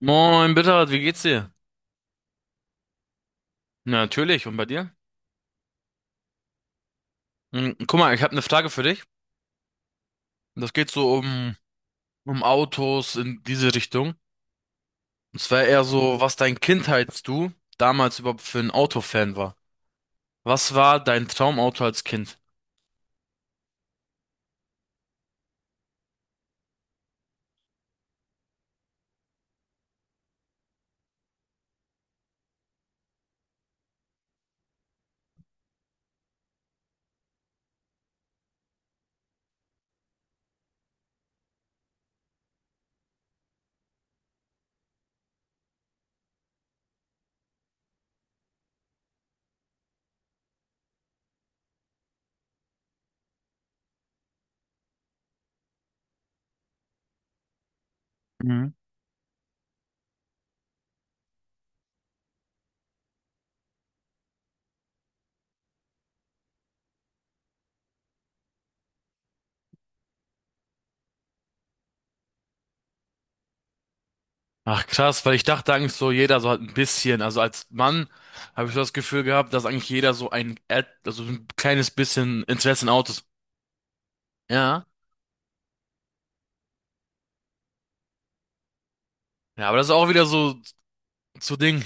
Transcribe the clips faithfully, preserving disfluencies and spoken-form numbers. Moin, Bittert, wie geht's dir? Na, natürlich, und bei dir? Hm, Guck mal, ich habe eine Frage für dich. Das geht so um, um Autos in diese Richtung. Und zwar eher so, was dein Kindheits-Du damals überhaupt für ein Autofan war. Was war dein Traumauto als Kind? Mhm. Ach krass, weil ich dachte eigentlich so, jeder so halt ein bisschen. Also als Mann habe ich so das Gefühl gehabt, dass eigentlich jeder so ein, Ad- also so ein kleines bisschen Interesse in Autos. Ja. Ja, aber das ist auch wieder so, so Ding.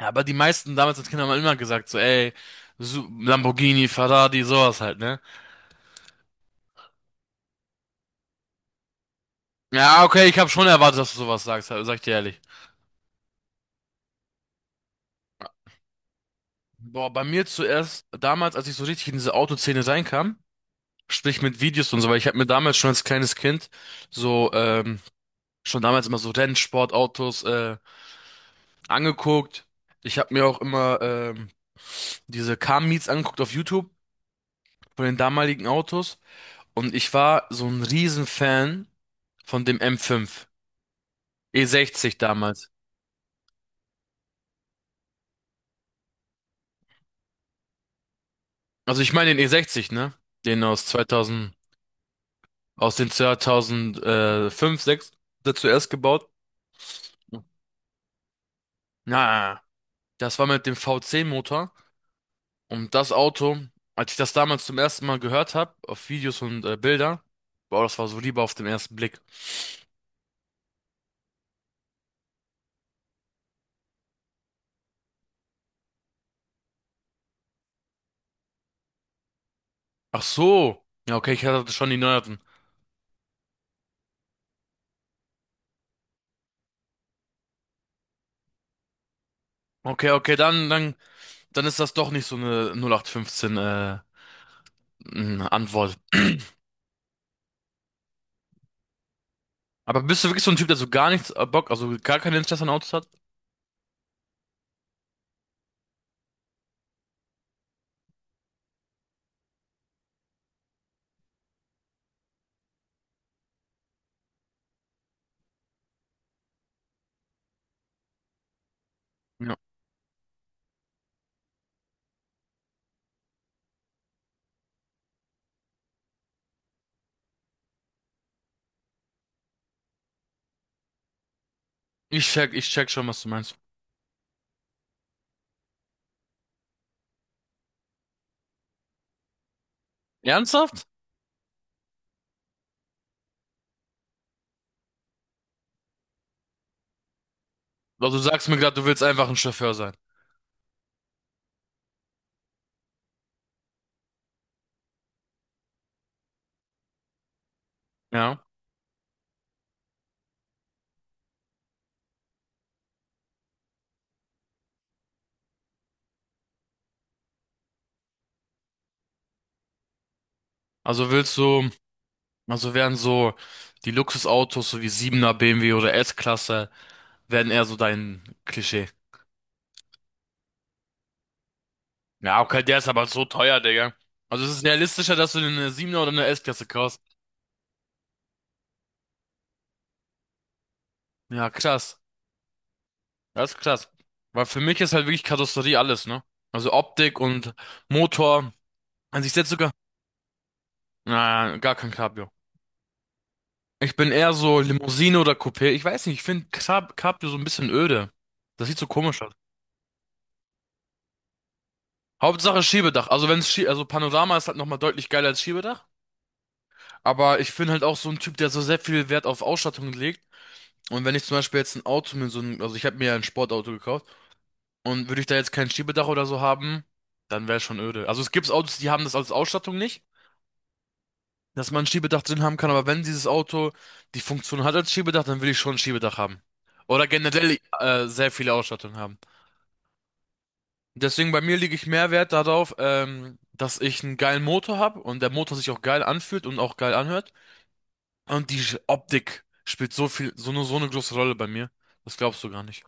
Ja, aber die meisten damals als Kinder haben immer gesagt, so, ey, Su- Lamborghini, Ferrari, sowas halt, ne? Ja, okay, ich habe schon erwartet, dass du sowas sagst, halt, sag ich dir ehrlich. Boah, bei mir zuerst, damals, als ich so richtig in diese Autoszene reinkam, sprich mit Videos und so, weil ich habe mir damals schon als kleines Kind so, ähm, schon damals immer so Rennsportautos, äh, angeguckt. Ich habe mir auch immer, ähm, diese Car-Meets angeguckt auf YouTube von den damaligen Autos und ich war so ein Riesenfan von dem M fünf. E sechzig damals. Also ich meine den e sechzig, ne? Den aus zweitausend, aus den zweitausendfünf, sechs der zuerst gebaut. Na, das war mit dem v VC-Motor. Und das Auto, als ich das damals zum ersten Mal gehört habe, auf Videos und äh, Bilder, boah, das war so lieber auf den ersten Blick. Ach so. Ja, okay, ich hatte schon die neueren. Okay, okay, dann, dann, dann ist das doch nicht so eine null acht fünfzehn äh, n- Antwort. Aber bist du wirklich so ein Typ, der so gar nichts äh, Bock, also gar kein Interesse an Autos hat? Ich check, ich check schon, was du meinst. Ernsthaft? Also du sagst mir gerade, du willst einfach ein Chauffeur sein. Ja. Also willst du, also werden so die Luxusautos, so wie siebener B M W oder S-Klasse, werden eher so dein Klischee. Ja, okay, der ist aber so teuer, Digga. Also es ist realistischer, dass du dir eine siebener oder eine S-Klasse kaufst. Ja, krass. Das ist krass. Weil für mich ist halt wirklich Karosserie alles, ne? Also Optik und Motor. Also ich setze sogar, na, gar kein Cabrio. Ich bin eher so Limousine oder Coupé. Ich weiß nicht, ich finde Cab Cabrio so ein bisschen öde. Das sieht so komisch aus. Hauptsache Schiebedach. Also wenn es Schie also Panorama ist halt nochmal deutlich geiler als Schiebedach. Aber ich bin halt auch so ein Typ, der so sehr viel Wert auf Ausstattung legt. Und wenn ich zum Beispiel jetzt ein Auto mit so einem, also ich habe mir ja ein Sportauto gekauft, und würde ich da jetzt kein Schiebedach oder so haben, dann wäre schon öde. Also es gibt Autos, die haben das als Ausstattung nicht, dass man ein Schiebedach drin haben kann. Aber wenn dieses Auto die Funktion hat als Schiebedach, dann will ich schon ein Schiebedach haben. Oder generell äh, sehr viele Ausstattung haben. Deswegen bei mir lege ich mehr Wert darauf, ähm, dass ich einen geilen Motor habe und der Motor sich auch geil anfühlt und auch geil anhört. Und die Sch- Optik spielt so viel, so eine, so eine große Rolle bei mir. Das glaubst du gar nicht.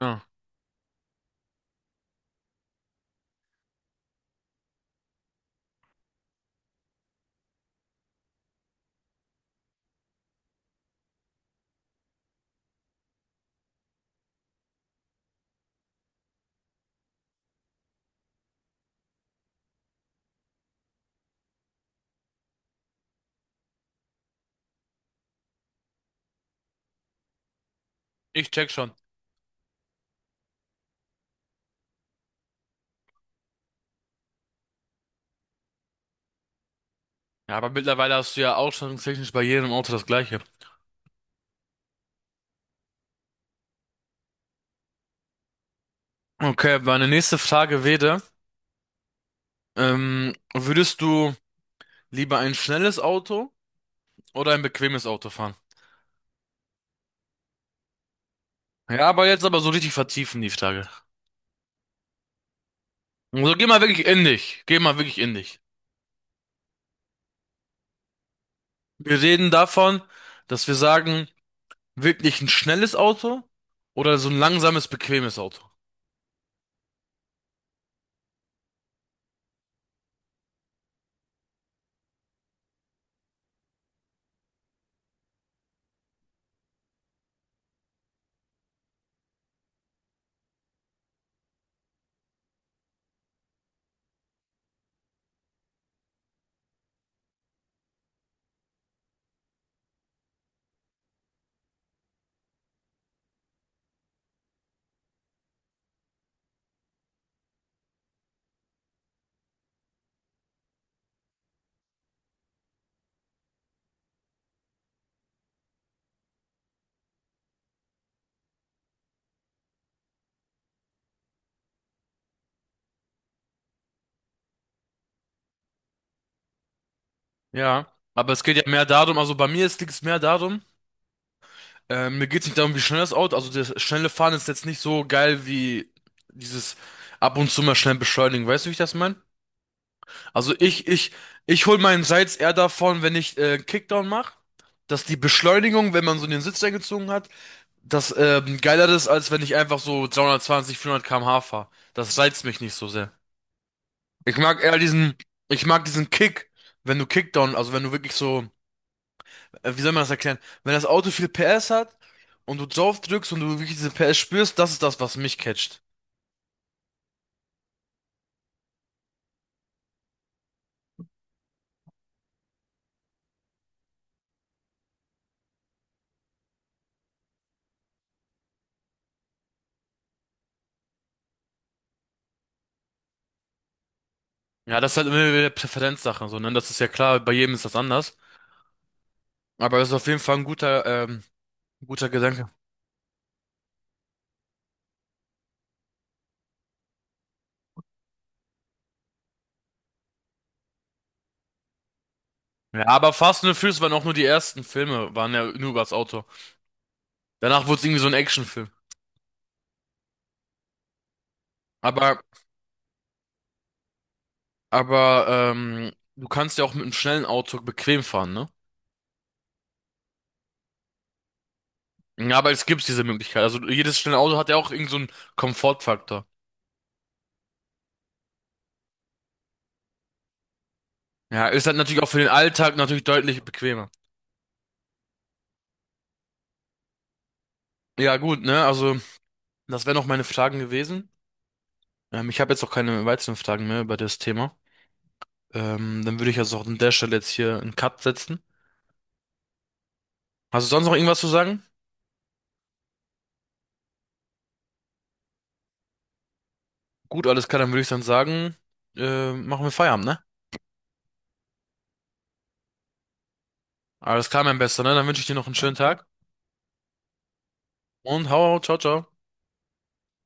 Ja, ich check schon. Ja, aber mittlerweile hast du ja ausstattungstechnisch bei jedem Auto das Gleiche. Okay, meine nächste Frage wäre, ähm, würdest du lieber ein schnelles Auto oder ein bequemes Auto fahren? Ja, aber jetzt aber so richtig vertiefen die Frage. Also geh mal wirklich in dich. Geh mal wirklich in dich. Wir reden davon, dass wir sagen, wirklich ein schnelles Auto oder so ein langsames, bequemes Auto. Ja, aber es geht ja mehr darum, also bei mir ist- liegt es mehr darum, äh, mir geht es nicht darum, wie schnell das Auto, also das schnelle Fahren ist jetzt nicht so geil wie dieses ab und zu mal schnell beschleunigen, weißt du, wie ich das meine? Also ich, ich, ich hol meinen Reiz eher davon, wenn ich äh, Kickdown mache, dass die Beschleunigung, wenn man so den Sitz eingezogen hat, das ähm, geiler ist, als wenn ich einfach so dreihundertzwanzig, vierhundert Kilometer pro Stunde fahre. Das reizt mich nicht so sehr. Ich mag eher diesen, ich mag diesen Kick, wenn du Kickdown, also wenn du wirklich so, äh, wie soll man das erklären? Wenn das Auto viel P S hat und du drauf drückst und du wirklich diese P S spürst, das ist das, was mich catcht. Ja, das ist halt immer wieder Präferenzsache, so, ne? Das ist ja klar, bei jedem ist das anders. Aber das ist auf jeden Fall ein guter, ähm, guter Gedanke. Ja, aber Fast and the Furious waren auch nur die ersten Filme, waren ja nur über das Auto. Danach wurde es irgendwie so ein Actionfilm. Aber Aber ähm, du kannst ja auch mit einem schnellen Auto bequem fahren, ne? Ja, aber es gibt diese Möglichkeit. Also jedes schnelle Auto hat ja auch irgend so einen Komfortfaktor. Ja, ist halt natürlich auch für den Alltag natürlich deutlich bequemer. Ja, gut, ne? Also, das wären auch meine Fragen gewesen. Ähm, ich habe jetzt auch keine weiteren Fragen mehr über das Thema. Ähm, dann würde ich also auch an der Stelle jetzt hier einen Cut setzen. Hast du sonst noch irgendwas zu sagen? Gut, alles klar, dann würde ich dann sagen, äh, machen wir Feierabend, ne? Alles klar, mein Bester, ne? Dann wünsche ich dir noch einen schönen Tag und hau, hau, ciao, ciao.